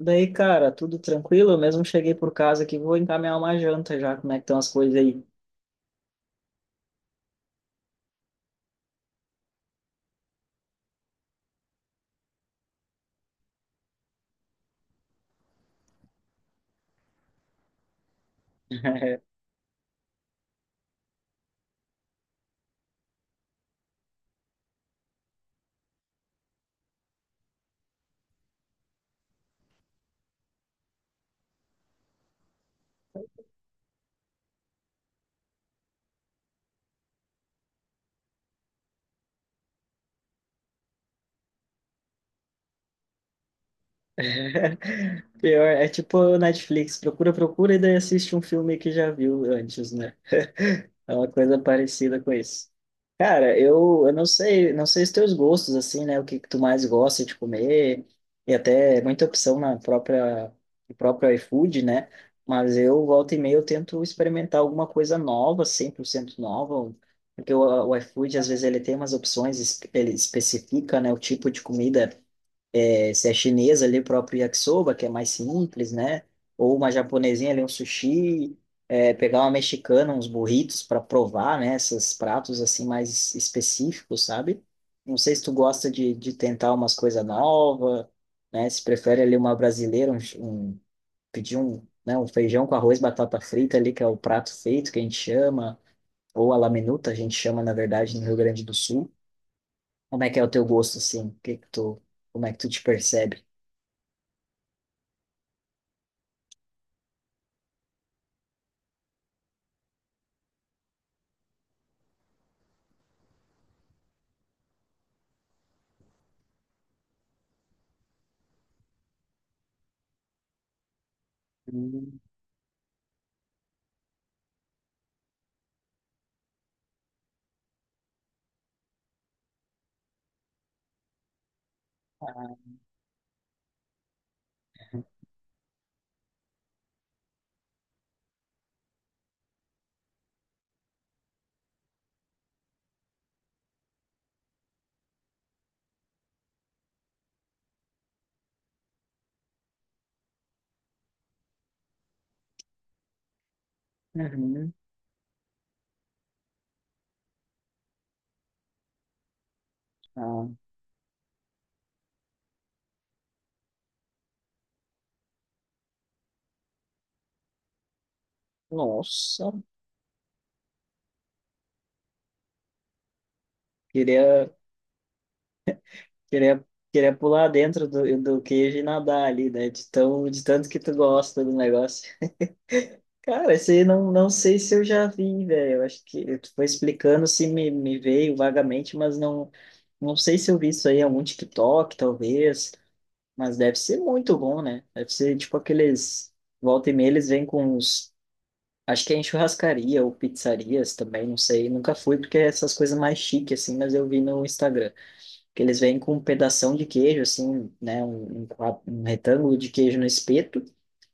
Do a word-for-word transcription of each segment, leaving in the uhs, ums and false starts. Daí, cara, tudo tranquilo? Eu mesmo cheguei por casa aqui, vou encaminhar uma janta já, como é que estão as coisas aí. Pior, é tipo Netflix, procura, procura e daí assiste um filme que já viu antes, né? É uma coisa parecida com isso. Cara, eu, eu não sei, não sei os teus gostos, assim, né? O que, que tu mais gosta de comer, e até muita opção na própria, no próprio iFood, né? Mas eu, volta e meia, eu tento experimentar alguma coisa nova, cem por cento nova, porque o, o iFood, às vezes, ele tem umas opções, es- ele especifica, né, o tipo de comida é, se é chinesa ali, o próprio yakisoba, que é mais simples, né? Ou uma japonesinha ali, um sushi, é, pegar uma mexicana, uns burritos para provar, né? Esses pratos assim mais específicos, sabe? Não sei se tu gosta de, de tentar umas coisas novas, né? Se prefere ali uma brasileira, um, um- pedir um, né? Um feijão com arroz, batata frita ali, que é o prato feito que a gente chama, ou a laminuta, a gente chama, na verdade, no Rio Grande do Sul. Como é que é o teu gosto, assim? Que que tu, como é que tu te percebe? Uhum. Ah, nossa, queria, queria, queria pular dentro do, do queijo e nadar ali, né? De tão, de tanto que tu gosta do negócio. Cara, esse aí não, não sei se eu já vi, velho. Eu acho que tu foi explicando se me, me veio vagamente, mas não, não sei se eu vi isso aí em algum TikTok, talvez. Mas deve ser muito bom, né? Deve ser tipo aqueles. Volta e meia, eles vêm com uns. Acho que é em churrascaria ou pizzarias também, não sei. Nunca fui, porque é essas coisas mais chiques, assim, mas eu vi no Instagram. Que eles vêm com um pedação de queijo, assim, né? Um, um, qua- um retângulo de queijo no espeto,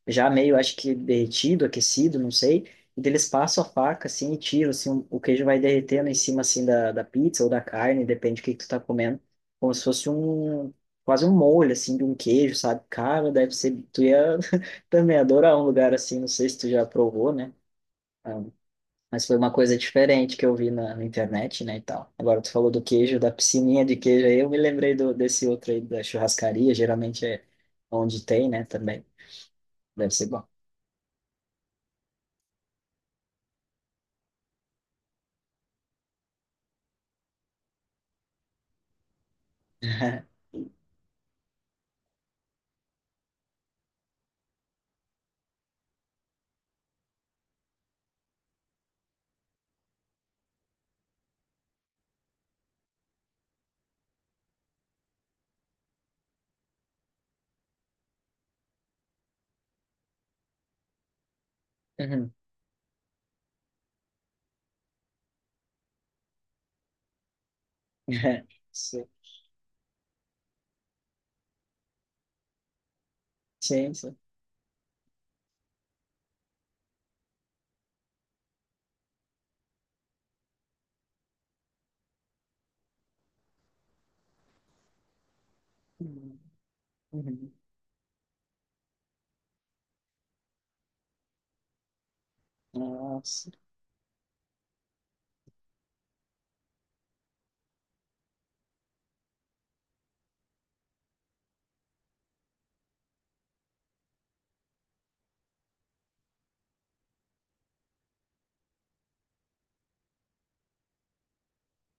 já meio, acho que derretido, aquecido, não sei. E daí eles passam a faca, assim, e tiram, assim, o o queijo vai derretendo em cima, assim, da, da pizza ou da carne, depende do que, que tu tá comendo. Como se fosse um, quase um molho, assim, de um queijo, sabe? Cara, deve ser, tu ia também adorar um lugar assim, não sei se tu já provou, né? Mas foi uma coisa diferente que eu vi na, na internet, né, e tal. Agora, tu falou do queijo, da piscininha de queijo aí, eu me lembrei do, desse outro aí, da churrascaria, geralmente é onde tem, né, também. Deve ser bom. Uhum. Sim, sim, sim. Uhum. Uhum. Nossa.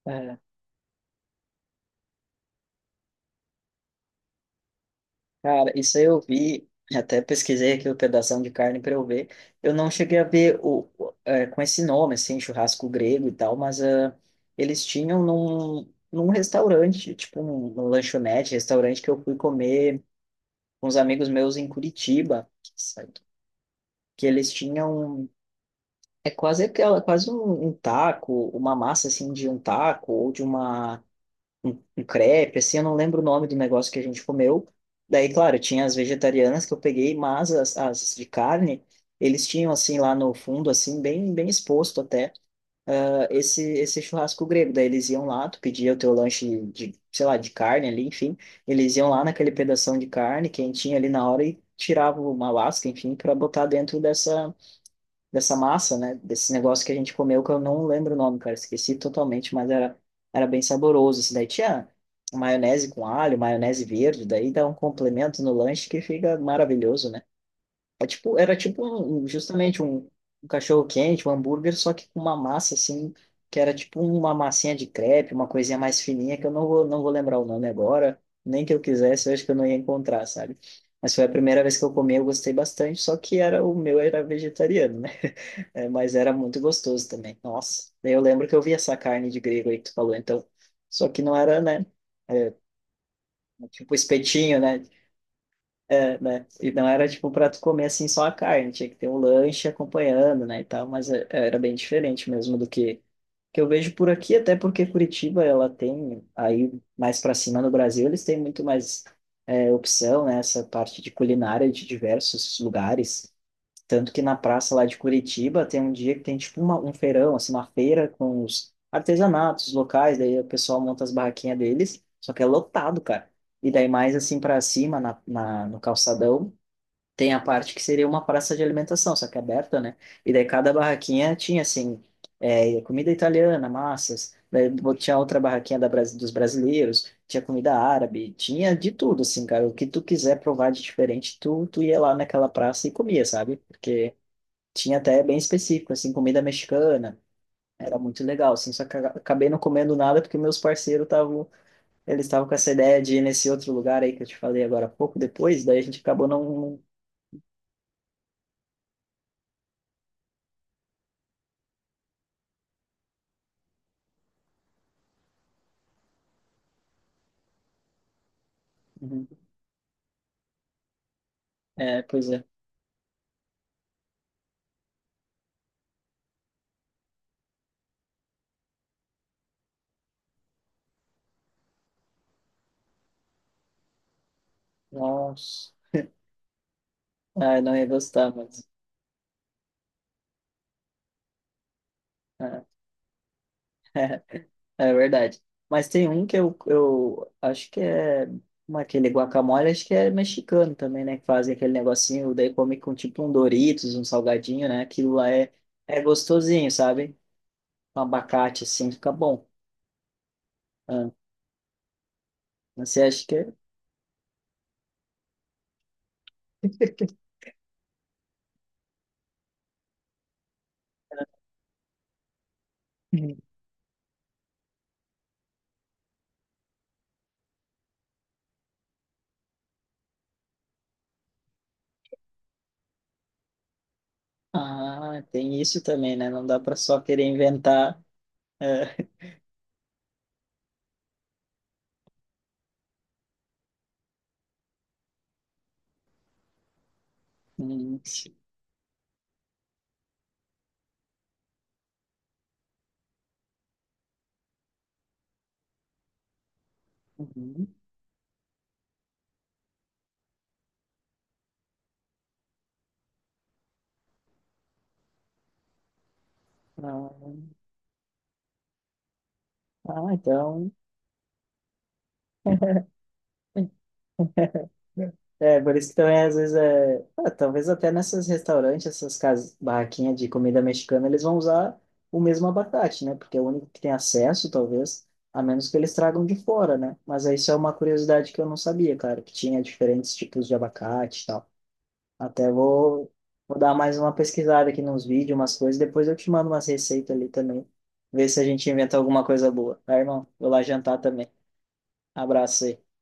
É. Cara, isso aí eu vi, até pesquisei aqui o pedação de carne para eu ver. Eu não cheguei a ver o, o- é, com esse nome, assim, churrasco grego e tal, mas ah, eles tinham num, num restaurante, tipo num, num lanchonete, restaurante que eu fui comer com uns amigos meus em Curitiba, sabe? Que eles tinham, é quase aquela, quase um, um taco, uma massa assim de um taco ou de uma um, um crepe, assim, eu não lembro o nome do negócio que a gente comeu. Daí, claro, tinha as vegetarianas que eu peguei, mas as, as de carne, eles tinham, assim, lá no fundo, assim, bem, bem exposto até, ah, esse, esse churrasco grego. Daí eles iam lá, tu pedia o teu lanche de, sei lá, de carne ali, enfim, eles iam lá naquele pedação de carne quentinha ali na hora e tiravam uma lasca, enfim, para botar dentro dessa dessa massa, né? Desse negócio que a gente comeu, que eu não lembro o nome, cara, esqueci totalmente, mas era, era bem saboroso. Isso daí tinha maionese com alho, maionese verde, daí dá um complemento no lanche que fica maravilhoso, né? É tipo, era tipo um- um, justamente um, um cachorro quente, um hambúrguer, só que com uma massa assim, que era tipo uma massinha de crepe, uma coisinha mais fininha, que eu não vou, não vou lembrar o nome agora, nem que eu quisesse, eu acho que eu não ia encontrar, sabe? Mas foi a primeira vez que eu comi, eu gostei bastante, só que era o meu era vegetariano, né? É, mas era muito gostoso também. Nossa. Daí eu lembro que eu vi essa carne de grego aí que tu falou, então. Só que não era, né? É, tipo espetinho, né? É, né? E não era tipo pra tu comer assim só a carne, tinha que ter um lanche acompanhando, né? E tal, mas é- é, era bem diferente mesmo do que, que eu vejo por aqui, até porque Curitiba ela tem, aí mais pra cima no Brasil, eles têm muito mais é, opção, né? Essa parte de culinária de diversos lugares. Tanto que na praça lá de Curitiba tem um dia que tem tipo uma, um feirão, assim, uma feira com os artesanatos locais, daí o pessoal monta as barraquinhas deles, só que é lotado, cara. E daí mais assim para cima, na, na, no calçadão, tem a parte que seria uma praça de alimentação, só que é aberta, né? E daí cada barraquinha tinha assim, é, comida italiana, massas, daí bo- tinha outra barraquinha da, Bras- dos brasileiros, tinha comida árabe, tinha de tudo, assim, cara. O que tu quiser provar de diferente, tu, tu ia lá naquela praça e comia, sabe? Porque tinha até bem específico, assim, comida mexicana. Era muito legal, assim, só que eu acabei não comendo nada porque meus parceiros estavam, eles estavam com essa ideia de ir nesse outro lugar aí que eu te falei agora há pouco depois, daí a gente acabou não... não- Uhum. É, pois é. Nossa. Ah, eu não ia gostar, mas... É, é verdade. Mas tem um que eu, eu acho que é... como é aquele guacamole, acho que é mexicano também, né? Que fazem aquele negocinho, daí come com tipo um Doritos, um salgadinho, né? Aquilo lá é, é gostosinho, sabe? Um abacate, assim, fica bom. Ah, você acha que... é? Uhum. Ah, tem isso também, né? Não dá para só querer inventar. É. Hum, sim. Uhum. Ah, ah, então... É, por isso que também, às vezes, é... ah, talvez até nesses restaurantes, essas casas, barraquinhas de comida mexicana, eles vão usar o mesmo abacate, né? Porque é o único que tem acesso, talvez, a menos que eles tragam de fora, né? Mas isso é uma curiosidade que eu não sabia, cara, que tinha diferentes tipos de abacate e tal. Até vou, vou dar mais uma pesquisada aqui nos vídeos, umas coisas. Depois eu te mando umas receitas ali também. Ver se a gente inventa alguma coisa boa. Tá, irmão? Vou lá jantar também. Abraço aí.